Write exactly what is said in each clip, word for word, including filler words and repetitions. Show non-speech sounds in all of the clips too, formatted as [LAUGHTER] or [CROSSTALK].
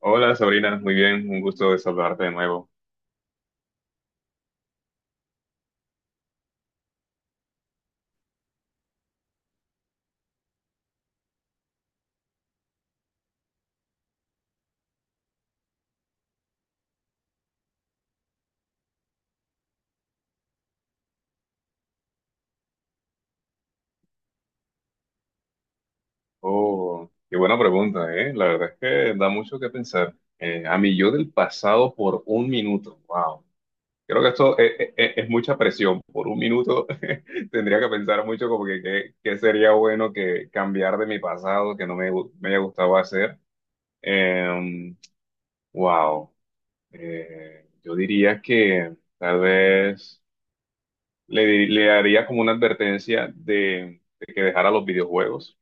Hola Sabrina, muy bien, un gusto de saludarte de nuevo. Oh, qué buena pregunta, ¿eh? La verdad es que da mucho que pensar. Eh, a mí yo del pasado por un minuto, wow. Creo que esto eh, eh, eh, es, mucha presión. Por un minuto [LAUGHS] tendría que pensar mucho como que qué qué sería bueno que cambiar de mi pasado que no me, gu- me haya gustado hacer. Em, wow. Eh, yo diría que tal vez le, di- le haría como una advertencia de de que dejara los videojuegos.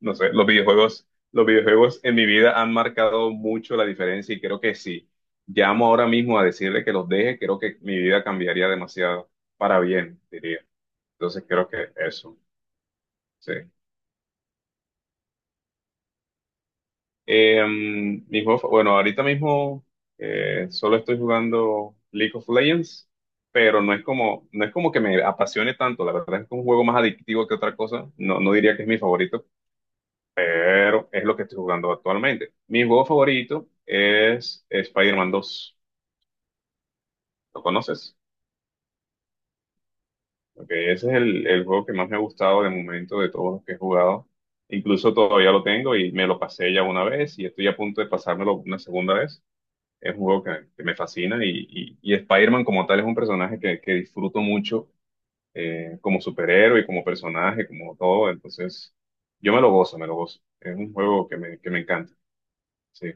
No sé, los videojuegos, los videojuegos en mi vida han marcado mucho la diferencia y creo que si llamo ahora mismo a decirle que los deje, creo que mi vida cambiaría demasiado para bien, diría. Entonces creo que eso, sí. Eh, mi juego fa- bueno, ahorita mismo eh, solo estoy jugando League of Legends, pero no es como, no es como que me apasione tanto, la verdad es que es un juego más adictivo que otra cosa, no, no diría que es mi favorito, pero es lo que estoy jugando actualmente. Mi juego favorito es Spider-Man dos. ¿Lo conoces? Porque ese es el, el juego que más me ha gustado de momento de todos los que he jugado. Incluso todavía lo tengo y me lo pasé ya una vez y estoy a punto de pasármelo una segunda vez. Es un juego que, que me fascina y, y, y Spider-Man como tal es un personaje que, que disfruto mucho eh, como superhéroe y como personaje, como todo. Entonces, yo me lo gozo, me lo gozo. Es un juego que me, que me encanta. Sí,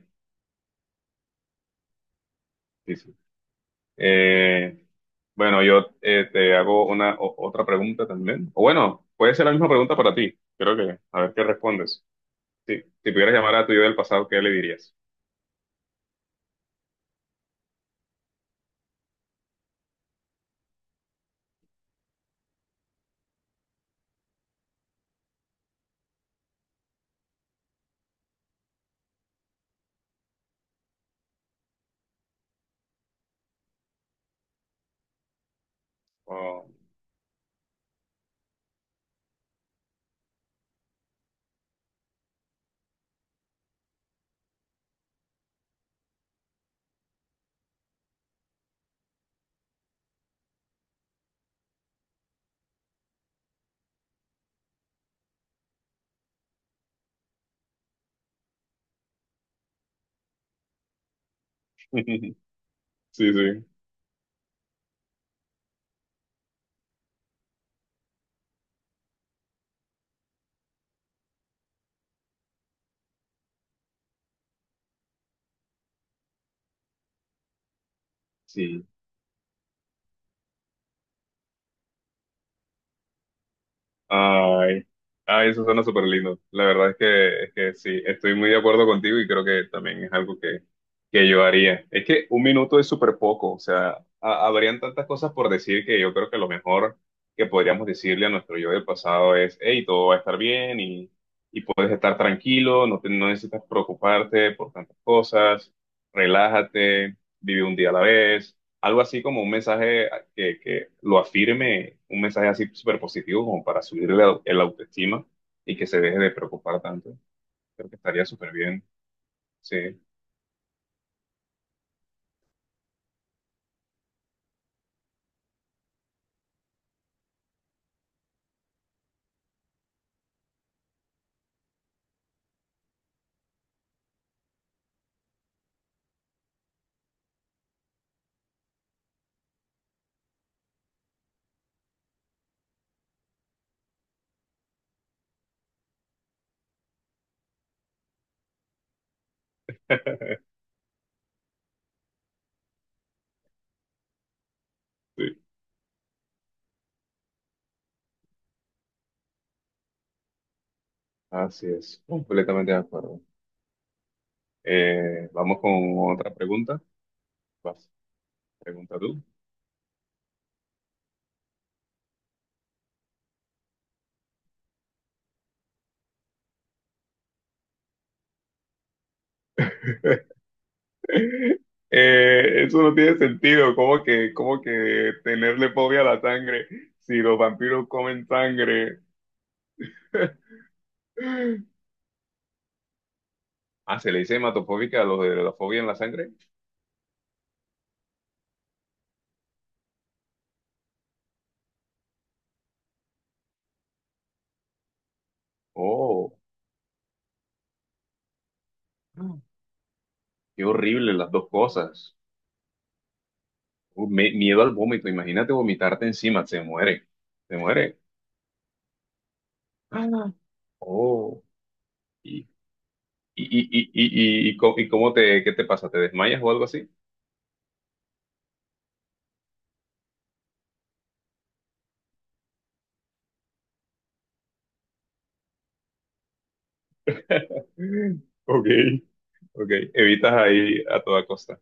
sí, sí. Eh, bueno, yo eh, te hago una o- otra pregunta también. O bueno, puede ser la misma pregunta para ti. Creo que, a ver qué respondes. Sí, si pudieras llamar a tu yo del pasado, ¿qué le dirías? Oh. [LAUGHS] Sí, sí. Sí, ay, ay, eso suena súper lindo. La verdad es que, es que sí, estoy muy de acuerdo contigo y creo que también es algo que, que yo haría. Es que un minuto es súper poco, o sea, ha- habrían tantas cosas por decir que yo creo que lo mejor que podríamos decirle a nuestro yo del pasado es, hey, todo va a estar bien y, y puedes estar tranquilo, no, te- no necesitas preocuparte por tantas cosas, relájate, vive un día a la vez, algo así como un mensaje que, que lo afirme, un mensaje así súper positivo como para subirle la- el autoestima y que se deje de preocupar tanto. Creo que estaría súper bien. Sí, sí, así es, completamente de acuerdo. Eh, vamos con otra pregunta. Vas, pregunta tú. [LAUGHS] Eh, eso no tiene sentido, como que, como que tenerle fobia a la sangre si los vampiros comen sangre. [LAUGHS] Ah, se le dice hematofóbica a los de la fobia en la sangre. Oh. Ah. Qué horrible las dos cosas. Uh, me- miedo al vómito. Imagínate vomitarte encima. Se muere. Se muere. Ah. Oh. ¿Y, y, y, y, y, y, co- y cómo te, qué te pasa? ¿Te desmayas o algo así? Mm. Ok, ok. Evitas ahí a toda costa.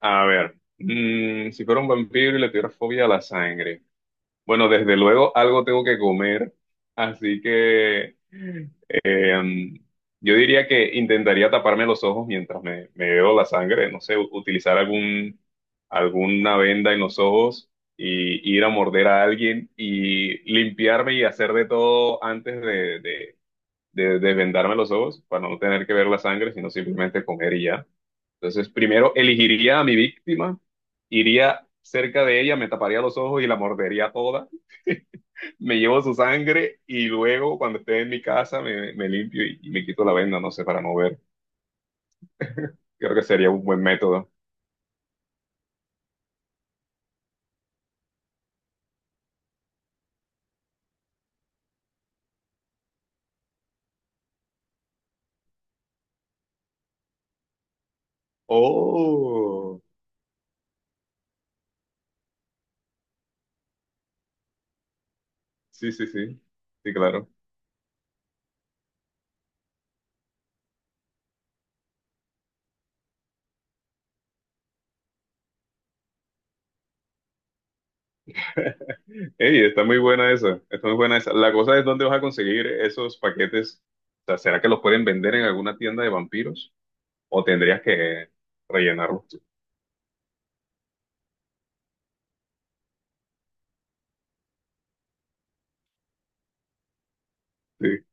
A ver. Mm, si fuera un vampiro y le tuviera fobia a la sangre. Bueno, desde luego algo tengo que comer, así que eh, yo diría que intentaría taparme los ojos mientras me, me veo la sangre, no sé, u- utilizar algún, alguna venda en los ojos y ir a morder a alguien y limpiarme y hacer de todo antes de, de, de desvendarme los ojos para no tener que ver la sangre, sino simplemente comer y ya. Entonces, primero elegiría a mi víctima, iría cerca de ella, me taparía los ojos y la mordería toda, me llevo su sangre y luego cuando esté en mi casa me, me limpio y, y me quito la venda, no sé, para no ver. Creo que sería un buen método. Oh, sí, sí, sí. Sí, claro. Ey, está muy buena esa, está muy buena esa. La cosa es dónde vas a conseguir esos paquetes. O sea, ¿será que los pueden vender en alguna tienda de vampiros? ¿O tendrías que rellenarlos tú? Sí.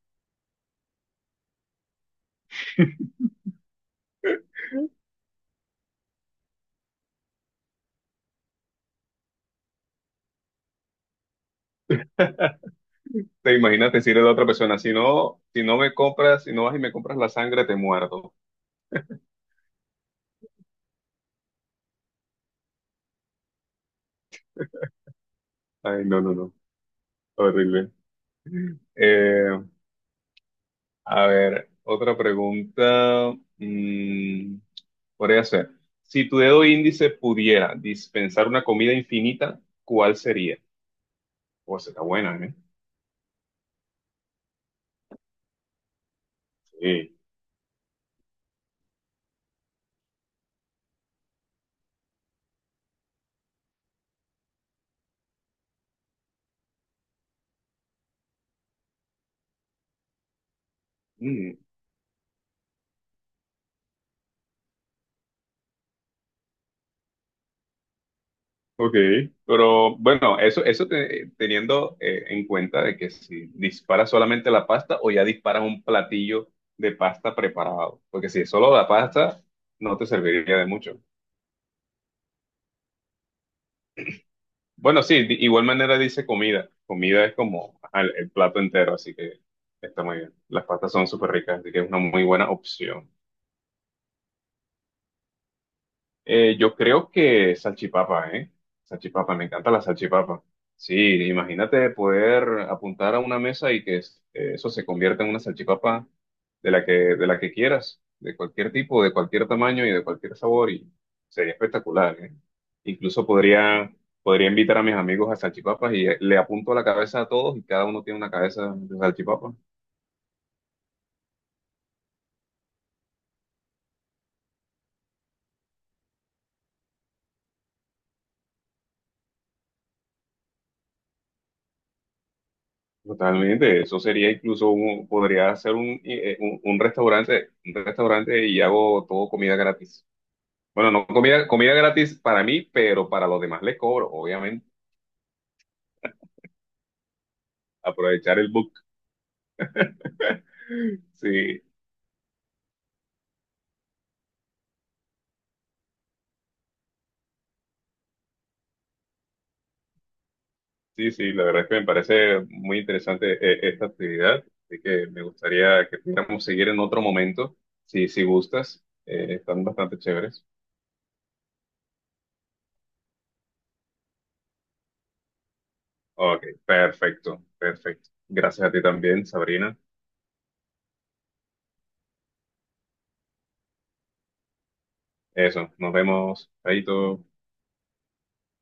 Te imaginas decirle a la otra persona, si no, si no me compras, si no vas y me compras la sangre, te muerdo. Ay, no, no, no. Horrible. Eh, A ver, otra pregunta, mm, podría ser, si tu dedo índice pudiera dispensar una comida infinita, ¿cuál sería? Pues está buena, ¿eh? Sí. Mm, ok, pero bueno, eso, eso te- teniendo eh, en cuenta de que si disparas solamente la pasta o ya disparas un platillo de pasta preparado, porque si es solo la pasta, no te serviría de mucho. Bueno, sí, de igual manera dice comida. Comida es como ajá, el, el plato entero, así que está muy bien. Las pastas son súper ricas, así que es una muy buena opción. Eh, yo creo que salchipapa, ¿eh? Salchipapa, me encanta la salchipapa. Sí, imagínate poder apuntar a una mesa y que es- eh, eso se convierta en una salchipapa de la que, de la que quieras, de cualquier tipo, de cualquier tamaño y de cualquier sabor, y sería espectacular, ¿eh? Incluso podría, podría invitar a mis amigos a salchipapas y eh, le apunto a la cabeza a todos y cada uno tiene una cabeza de salchipapa. Totalmente, eso sería incluso un, podría ser un, eh, eh, un, un restaurante, un restaurante y hago todo comida gratis. Bueno, no comida, comida gratis para mí, pero para los demás les cobro, obviamente. Aprovechar el book. Sí, sí, sí, la verdad es que me parece muy interesante eh, esta actividad, así que me gustaría que pudiéramos seguir en otro momento, si, si gustas. Eh, están bastante chéveres. Ok, perfecto, perfecto. Gracias a ti también, Sabrina. Eso, nos vemos. Chaito.